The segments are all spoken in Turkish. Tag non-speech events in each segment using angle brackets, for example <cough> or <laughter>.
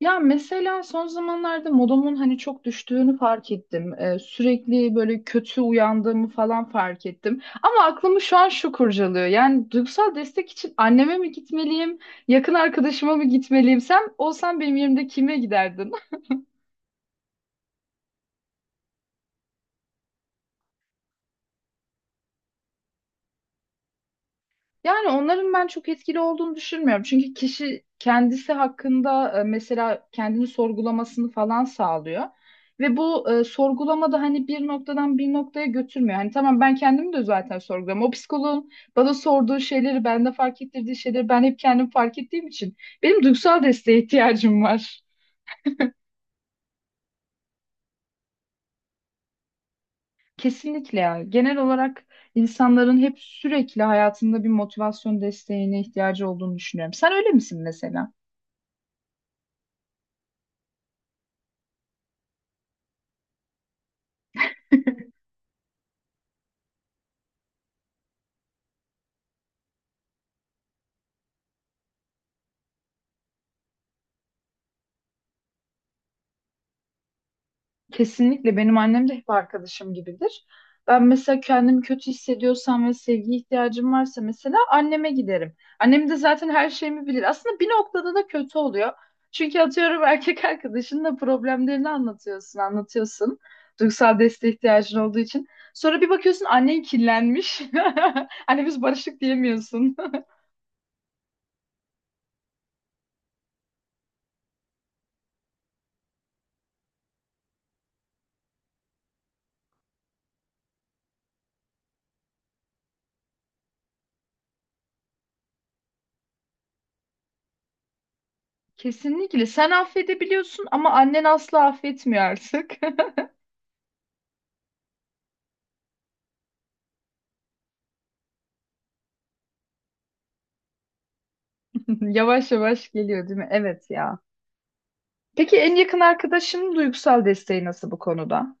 Ya mesela son zamanlarda modumun hani çok düştüğünü fark ettim. Sürekli böyle kötü uyandığımı falan fark ettim. Ama aklımı şu an şu kurcalıyor. Yani duygusal destek için anneme mi gitmeliyim, yakın arkadaşıma mı gitmeliyim? Sen olsan benim yerimde kime giderdin? Yani onların ben çok etkili olduğunu düşünmüyorum. Çünkü kişi kendisi hakkında mesela kendini sorgulamasını falan sağlıyor. Ve bu sorgulama da hani bir noktadan bir noktaya götürmüyor. Hani tamam ben kendimi de zaten sorguluyorum. O psikoloğun bana sorduğu şeyleri, bende fark ettirdiği şeyleri ben hep kendim fark ettiğim için benim duygusal desteğe ihtiyacım var. Kesinlikle ya. Genel olarak insanların hep sürekli hayatında bir motivasyon desteğine ihtiyacı olduğunu düşünüyorum. Sen öyle misin mesela? Kesinlikle benim annem de hep arkadaşım gibidir. Ben mesela kendimi kötü hissediyorsam ve sevgi ihtiyacım varsa mesela anneme giderim. Annem de zaten her şeyimi bilir. Aslında bir noktada da kötü oluyor. Çünkü atıyorum erkek arkadaşınla problemlerini anlatıyorsun, anlatıyorsun. Duygusal desteğe ihtiyacın olduğu için. Sonra bir bakıyorsun annen kirlenmiş. <laughs> Anne biz barıştık diyemiyorsun. <laughs> Kesinlikle. Sen affedebiliyorsun ama annen asla affetmiyor artık. <laughs> Yavaş yavaş geliyor değil mi? Evet ya. Peki en yakın arkadaşının duygusal desteği nasıl bu konuda?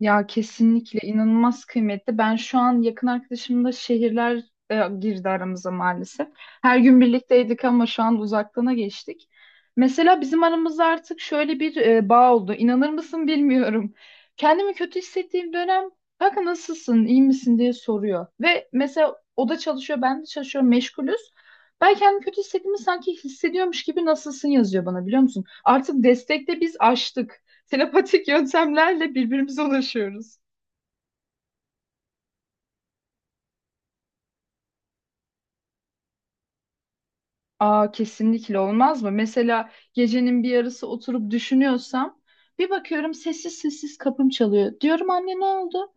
Ya kesinlikle inanılmaz kıymetli. Ben şu an yakın arkadaşımla şehirler e, girdi aramıza maalesef. Her gün birlikteydik ama şu an uzaklığına geçtik. Mesela bizim aramızda artık şöyle bir bağ oldu. İnanır mısın bilmiyorum. Kendimi kötü hissettiğim dönem kanka nasılsın, iyi misin diye soruyor. Ve mesela o da çalışıyor, ben de çalışıyorum, meşgulüz. Ben kendimi kötü hissettiğimi sanki hissediyormuş gibi nasılsın yazıyor bana biliyor musun? Artık destekte biz aştık, telepatik yöntemlerle birbirimize ulaşıyoruz. Aa kesinlikle olmaz mı? Mesela gecenin bir yarısı oturup düşünüyorsam bir bakıyorum sessiz sessiz kapım çalıyor. Diyorum anne ne oldu?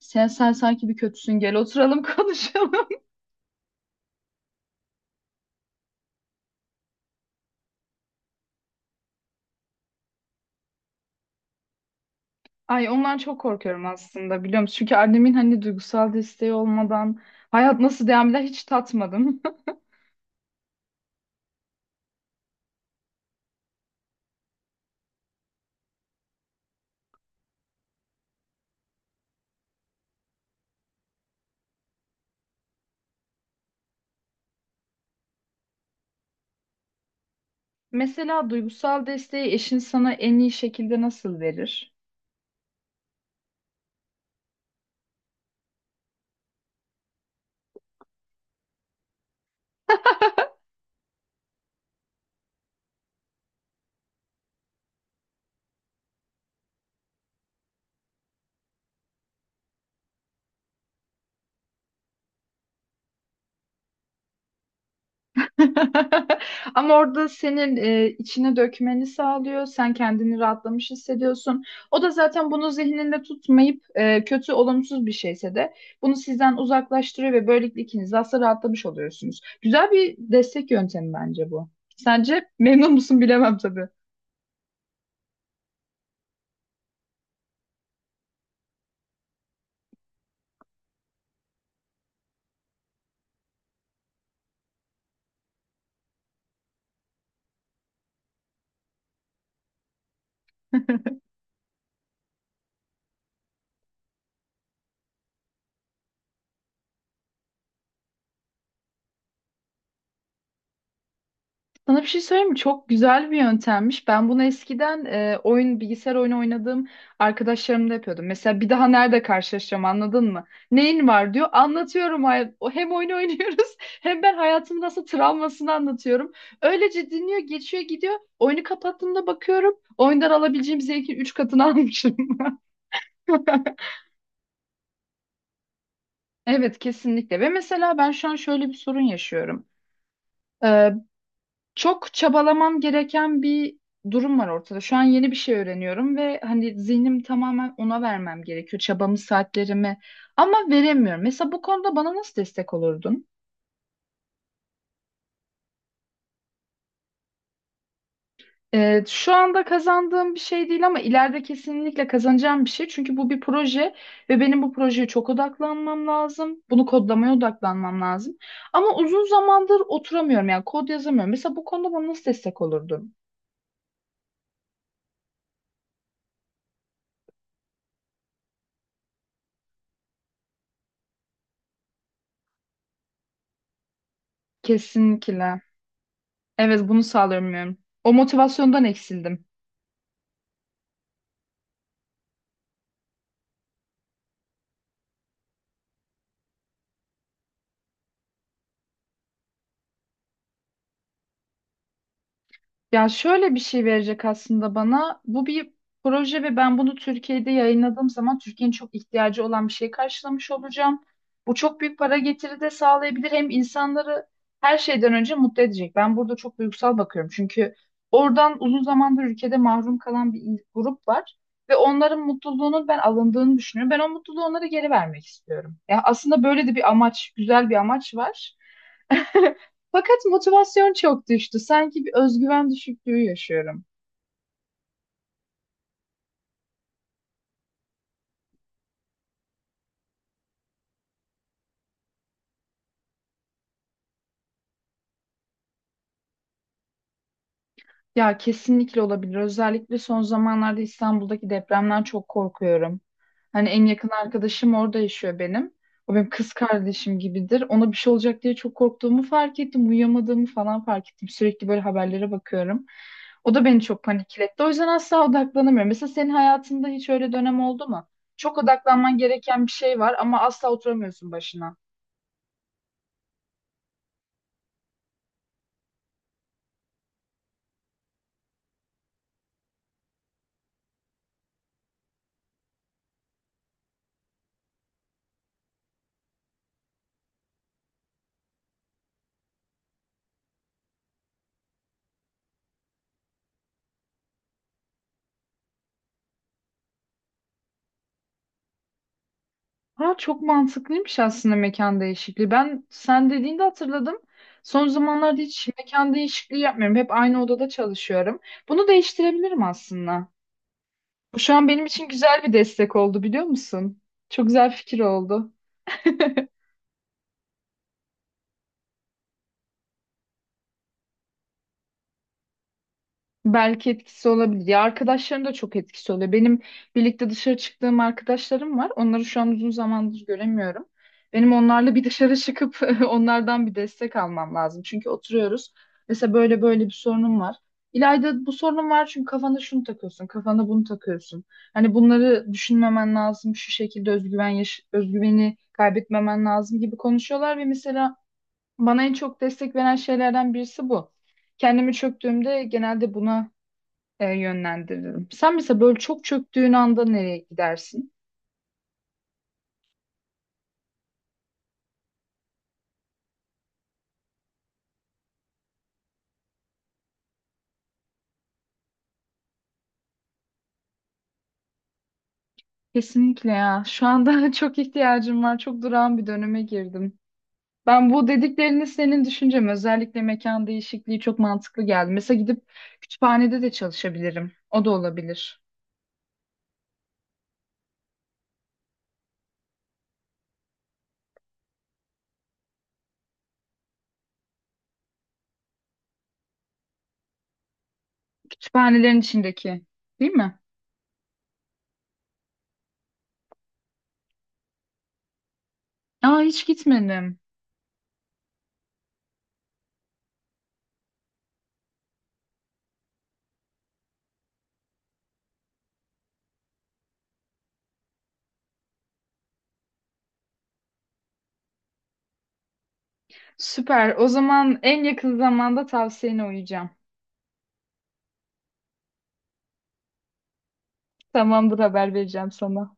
Sen sanki bir kötüsün gel oturalım <laughs> konuşalım. Ay ondan çok korkuyorum aslında biliyor musun? Çünkü annemin hani duygusal desteği olmadan hayat nasıl devam eder hiç tatmadım. <laughs> Mesela duygusal desteği eşin sana en iyi şekilde nasıl verir? <laughs> Ama orada senin içine dökmeni sağlıyor. Sen kendini rahatlamış hissediyorsun. O da zaten bunu zihninde tutmayıp kötü, olumsuz bir şeyse de bunu sizden uzaklaştırıyor ve böylelikle ikiniz de aslında rahatlamış oluyorsunuz. Güzel bir destek yöntemi bence bu. Sence memnun musun bilemem tabii. Sana bir şey söyleyeyim mi? Çok güzel bir yöntemmiş. Ben bunu eskiden oyun bilgisayar oyunu oynadığım arkadaşlarımda yapıyordum. Mesela bir daha nerede karşılaşacağım anladın mı? Neyin var diyor. Anlatıyorum. Hem oyunu <laughs> oynuyoruz hem ben hayatımın nasıl travmasını anlatıyorum. Öylece dinliyor, geçiyor, gidiyor. Oyunu kapattığımda bakıyorum. Oyundan alabileceğim zevkin 3 katını <laughs> almışım. Evet kesinlikle ve mesela ben şu an şöyle bir sorun yaşıyorum. Ee, Çok çabalamam gereken bir durum var ortada. Şu an yeni bir şey öğreniyorum ve hani zihnim tamamen ona vermem gerekiyor. Çabamı, saatlerimi ama veremiyorum. Mesela bu konuda bana nasıl destek olurdun? Şu anda kazandığım bir şey değil ama ileride kesinlikle kazanacağım bir şey. Çünkü bu bir proje ve benim bu projeye çok odaklanmam lazım. Bunu kodlamaya odaklanmam lazım. Ama uzun zamandır oturamıyorum yani kod yazamıyorum. Mesela bu konuda bana nasıl destek olurdun? Kesinlikle. Evet bunu sağlayamıyorum. O motivasyondan eksildim. Ya şöyle bir şey verecek aslında bana. Bu bir proje ve ben bunu Türkiye'de yayınladığım zaman Türkiye'nin çok ihtiyacı olan bir şey karşılamış olacağım. Bu çok büyük para getiri de sağlayabilir. Hem insanları her şeyden önce mutlu edecek. Ben burada çok duygusal bakıyorum. Çünkü oradan uzun zamandır ülkede mahrum kalan bir grup var. Ve onların mutluluğunun ben alındığını düşünüyorum. Ben o mutluluğu onlara geri vermek istiyorum. Ya aslında böyle de bir amaç, güzel bir amaç var. <laughs> Fakat motivasyon çok düştü. Sanki bir özgüven düşüklüğü yaşıyorum. Ya kesinlikle olabilir. Özellikle son zamanlarda İstanbul'daki depremden çok korkuyorum. Hani en yakın arkadaşım orada yaşıyor benim. O benim kız kardeşim gibidir. Ona bir şey olacak diye çok korktuğumu fark ettim. Uyuyamadığımı falan fark ettim. Sürekli böyle haberlere bakıyorum. O da beni çok panikletti. O yüzden asla odaklanamıyorum. Mesela senin hayatında hiç öyle dönem oldu mu? Çok odaklanman gereken bir şey var ama asla oturamıyorsun başına. Ha, çok mantıklıymış aslında mekan değişikliği. Ben sen dediğinde hatırladım. Son zamanlarda hiç mekan değişikliği yapmıyorum. Hep aynı odada çalışıyorum. Bunu değiştirebilirim aslında. Bu şu an benim için güzel bir destek oldu biliyor musun? Çok güzel fikir oldu. <laughs> Belki etkisi olabilir. Ya arkadaşların da çok etkisi oluyor. Benim birlikte dışarı çıktığım arkadaşlarım var. Onları şu an uzun zamandır göremiyorum. Benim onlarla bir dışarı çıkıp <laughs> onlardan bir destek almam lazım. Çünkü oturuyoruz. Mesela böyle böyle bir sorunum var. İlayda bu sorunum var çünkü kafana şunu takıyorsun, kafana bunu takıyorsun. Hani bunları düşünmemen lazım, şu şekilde özgüveni kaybetmemen lazım gibi konuşuyorlar ve mesela bana en çok destek veren şeylerden birisi bu, kendimi çöktüğümde genelde buna yönlendiririm. Sen mesela böyle çok çöktüğün anda nereye gidersin? Kesinlikle ya. Şu anda <laughs> çok ihtiyacım var. Çok durağan bir döneme girdim. Ben bu dediklerini senin düşüncem özellikle mekan değişikliği çok mantıklı geldi. Mesela gidip kütüphanede de çalışabilirim. O da olabilir. Kütüphanelerin içindeki, değil mi? Aa hiç gitmedim. Süper. O zaman en yakın zamanda tavsiyene uyacağım. Tamamdır haber vereceğim sana.